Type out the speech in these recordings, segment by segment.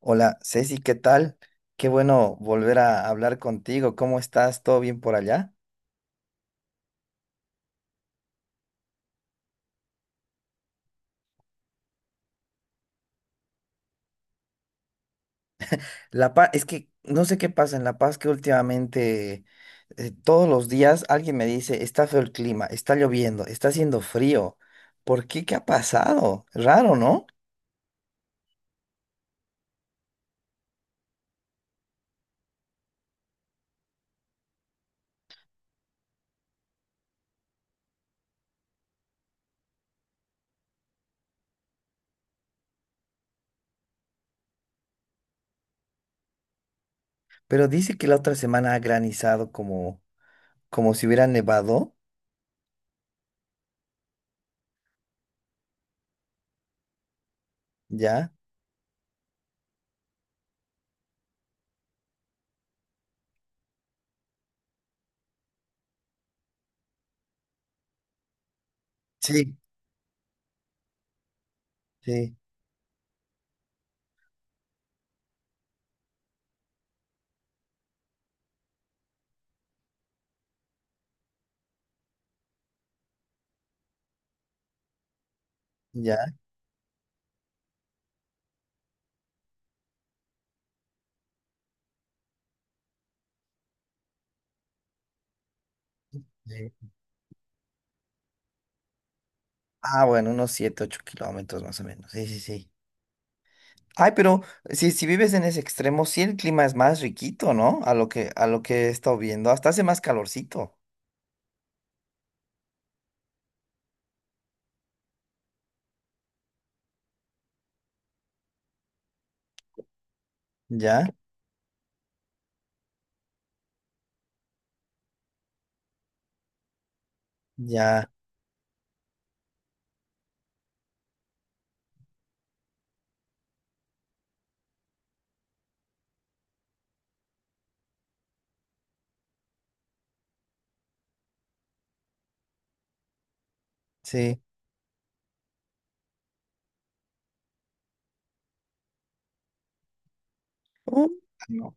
Hola, Ceci, ¿qué tal? Qué bueno volver a hablar contigo. ¿Cómo estás? ¿Todo bien por allá? La Paz, es que no sé qué pasa en La Paz que últimamente todos los días alguien me dice, está feo el clima, está lloviendo, está haciendo frío. ¿Por qué? ¿Qué ha pasado? Raro, ¿no? Pero dice que la otra semana ha granizado como, si hubiera nevado, ¿ya? Sí. Sí, ya. Sí. Ah, bueno, unos 7, 8 kilómetros más o menos. Sí, sí, sí. Ay, pero si vives en ese extremo, sí el clima es más riquito, ¿no? a lo que he estado viendo. Hasta hace más calorcito. Ya, ya, sí. Uh, no.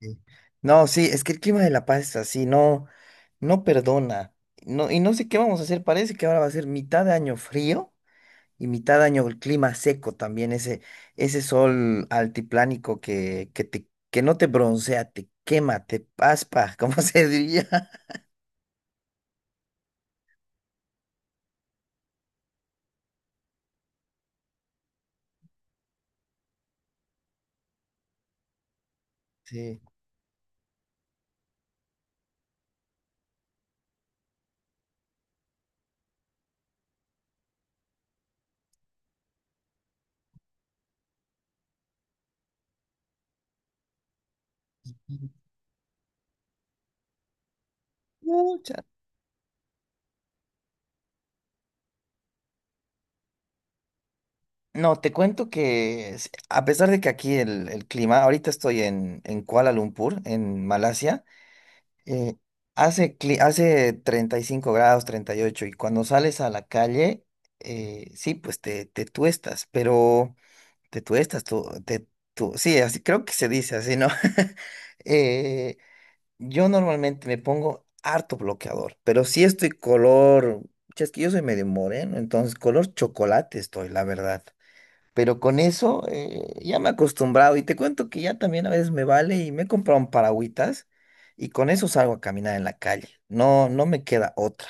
Sí. No, sí, es que el clima de La Paz es así, no, no perdona. No, y no sé qué vamos a hacer. Parece que ahora va a ser mitad de año frío y mitad de año el clima seco también, ese, sol altiplánico que no te broncea, te quema, te paspa, como se diría. Sí. mucha No, te cuento que a pesar de que aquí el, clima, ahorita estoy en Kuala Lumpur, en Malasia, eh, hace, hace 35 grados, 38, y ocho, y cuando sales a la calle, sí, pues te tuestas, pero te tuestas, tú, te, tú, sí, así creo que se dice así, ¿no? Eh, yo normalmente me pongo harto bloqueador, pero sí estoy color, che, es que yo soy medio moreno, entonces color chocolate estoy, la verdad. Pero con eso ya me he acostumbrado y te cuento que ya también a veces me vale y me he comprado un paragüitas y con eso salgo a caminar en la calle. No, no me queda otra.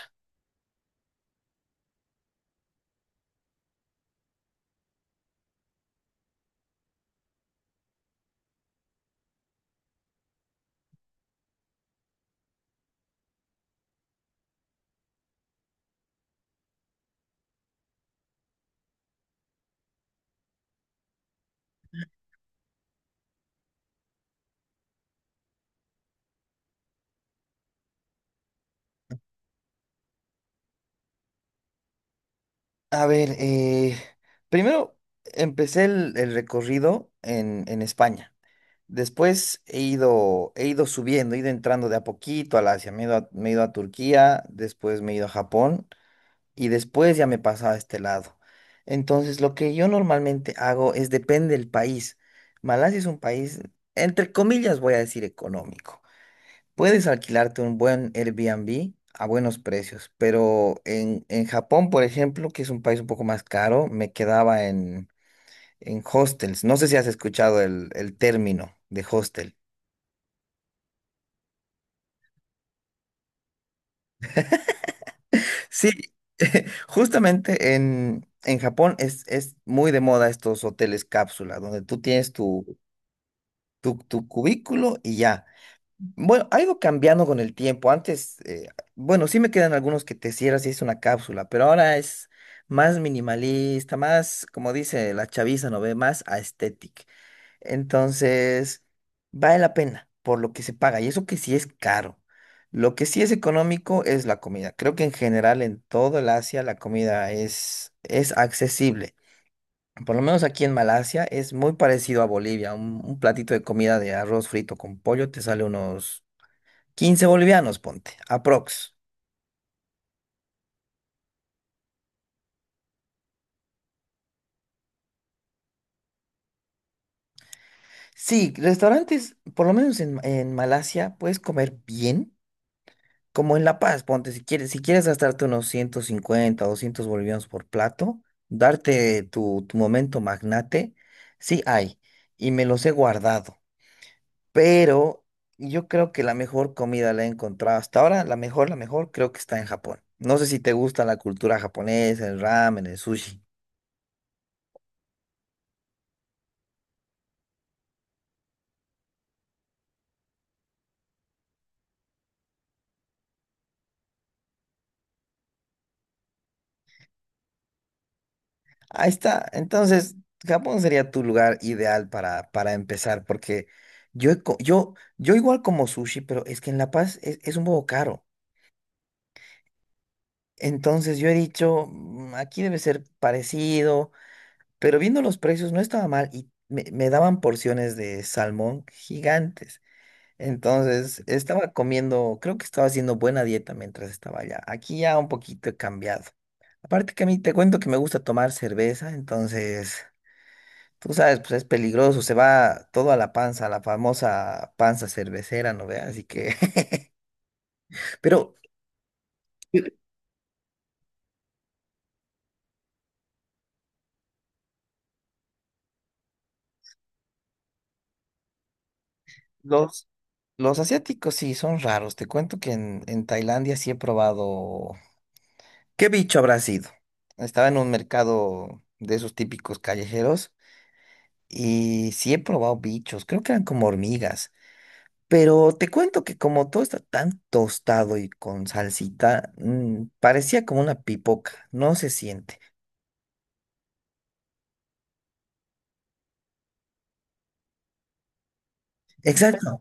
A ver, primero empecé el, recorrido en España. Después he ido subiendo, he ido entrando de a poquito al Asia. me he ido a Turquía, después me he ido a Japón y después ya me pasaba a este lado. Entonces, lo que yo normalmente hago es depende del país. Malasia es un país, entre comillas, voy a decir económico. Puedes alquilarte un buen Airbnb a buenos precios, pero en, Japón, por ejemplo, que es un país un poco más caro, me quedaba en, hostels. No sé si has escuchado el término de hostel. Sí, justamente en, Japón es muy de moda estos hoteles cápsula, donde tú tienes tu cubículo y ya. Bueno, ha ido cambiando con el tiempo. Antes, bueno, sí me quedan algunos que te cierras y es una cápsula, pero ahora es más minimalista, más, como dice la chaviza, ¿no ve? Más aesthetic. Entonces, vale la pena por lo que se paga. Y eso que sí es caro. Lo que sí es económico es la comida. Creo que en general en todo el Asia la comida es, accesible. Por lo menos aquí en Malasia es muy parecido a Bolivia. un platito de comida de arroz frito con pollo te sale unos 15 bolivianos, ponte, aprox. Sí, restaurantes, por lo menos en, Malasia, puedes comer bien, como en La Paz, ponte, si quieres, si quieres gastarte unos 150, 200 bolivianos por plato, darte tu momento magnate, sí hay, y me los he guardado. Pero yo creo que la mejor comida la he encontrado hasta ahora, la mejor, creo que está en Japón. No sé si te gusta la cultura japonesa, el ramen, el sushi. Ahí está. Entonces, Japón sería tu lugar ideal para empezar, porque yo, he co- yo igual como sushi, pero es que en La Paz es, un poco caro. Entonces yo he dicho, "Mm, aquí debe ser parecido, pero viendo los precios no estaba mal y me daban porciones de salmón gigantes. Entonces, estaba comiendo, creo que estaba haciendo buena dieta mientras estaba allá. Aquí ya un poquito he cambiado. Aparte que a mí te cuento que me gusta tomar cerveza, entonces, tú sabes, pues es peligroso, se va todo a la panza, la famosa panza cervecera, ¿no ve? Así que, pero los, los, asiáticos sí son raros. Te cuento que en Tailandia sí he probado, ¿qué bicho habrá sido? Estaba en un mercado de esos típicos callejeros. Y sí he probado bichos, creo que eran como hormigas. Pero te cuento que como todo está tan tostado y con salsita, parecía como una pipoca, no se siente. Exacto.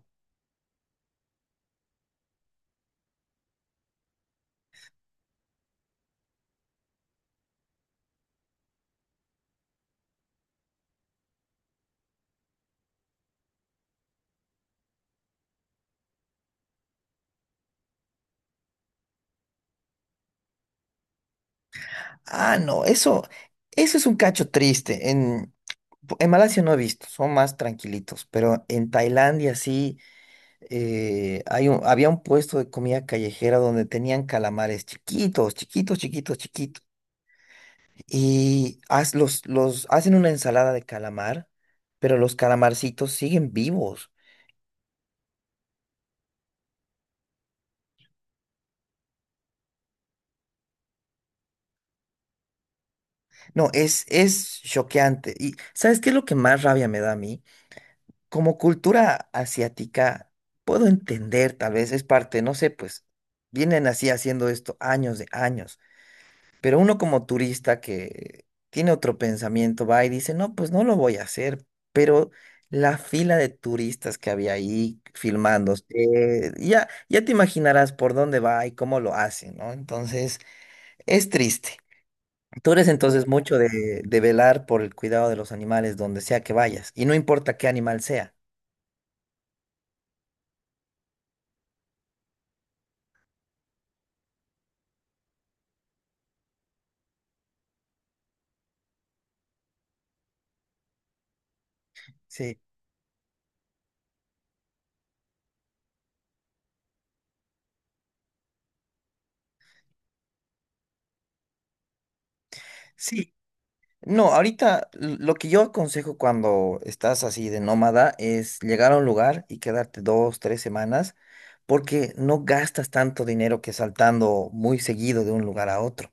Ah, no, eso es un cacho triste. en Malasia no he visto, son más tranquilitos, pero en Tailandia sí había un puesto de comida callejera donde tenían calamares chiquitos, chiquitos, chiquitos, chiquitos. Y los hacen una ensalada de calamar, pero los calamarcitos siguen vivos. No, es choqueante. ¿Y sabes qué es lo que más rabia me da a mí? Como cultura asiática, puedo entender, tal vez es parte, no sé, pues vienen así haciendo esto años de años. Pero uno como turista que tiene otro pensamiento va y dice, no, pues no lo voy a hacer, pero la fila de turistas que había ahí filmando, ya, ya te imaginarás por dónde va y cómo lo hacen, ¿no? Entonces, es triste. Tú eres entonces mucho de, velar por el cuidado de los animales donde sea que vayas, y no importa qué animal sea. Sí. Sí. No, ahorita lo que yo aconsejo cuando estás así de nómada es llegar a un lugar y quedarte 2, 3 semanas, porque no gastas tanto dinero que saltando muy seguido de un lugar a otro.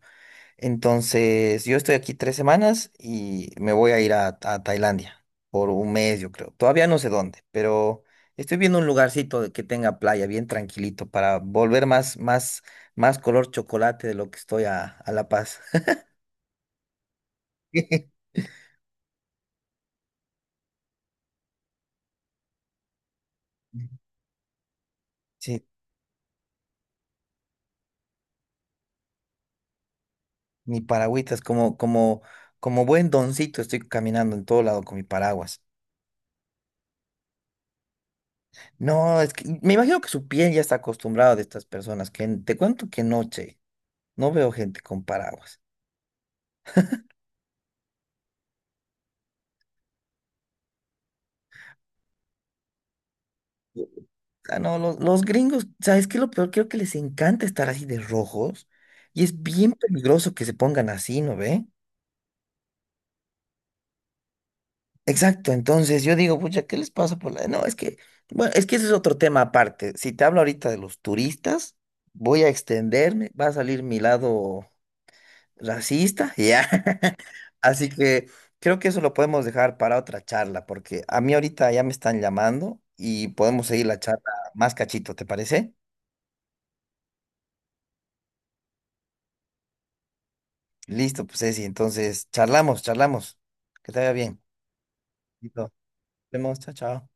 Entonces, yo estoy aquí 3 semanas y me voy a ir a Tailandia por un mes, yo creo. Todavía no sé dónde, pero estoy viendo un lugarcito que tenga playa bien tranquilito para volver más, color chocolate de lo que estoy a La Paz. Sí. Mi paragüitas, como buen doncito, estoy caminando en todo lado con mi paraguas. No, es que me imagino que su piel ya está acostumbrada de estas personas, que te cuento que noche no veo gente con paraguas. Ah, no, los gringos, ¿sabes qué? Es lo peor, creo que les encanta estar así de rojos y es bien peligroso que se pongan así, ¿no ve? Exacto, entonces yo digo, pucha, ¿qué les pasa por la...? No, es que, bueno, es que ese es otro tema aparte. Si te hablo ahorita de los turistas, voy a extenderme, va a salir mi lado racista, ya. Así que creo que eso lo podemos dejar para otra charla, porque a mí ahorita ya me están llamando y podemos seguir la charla más cachito, ¿te parece? Listo, pues Ceci, entonces charlamos, charlamos. Que te vaya bien. Listo. Nos vemos, chao, chao.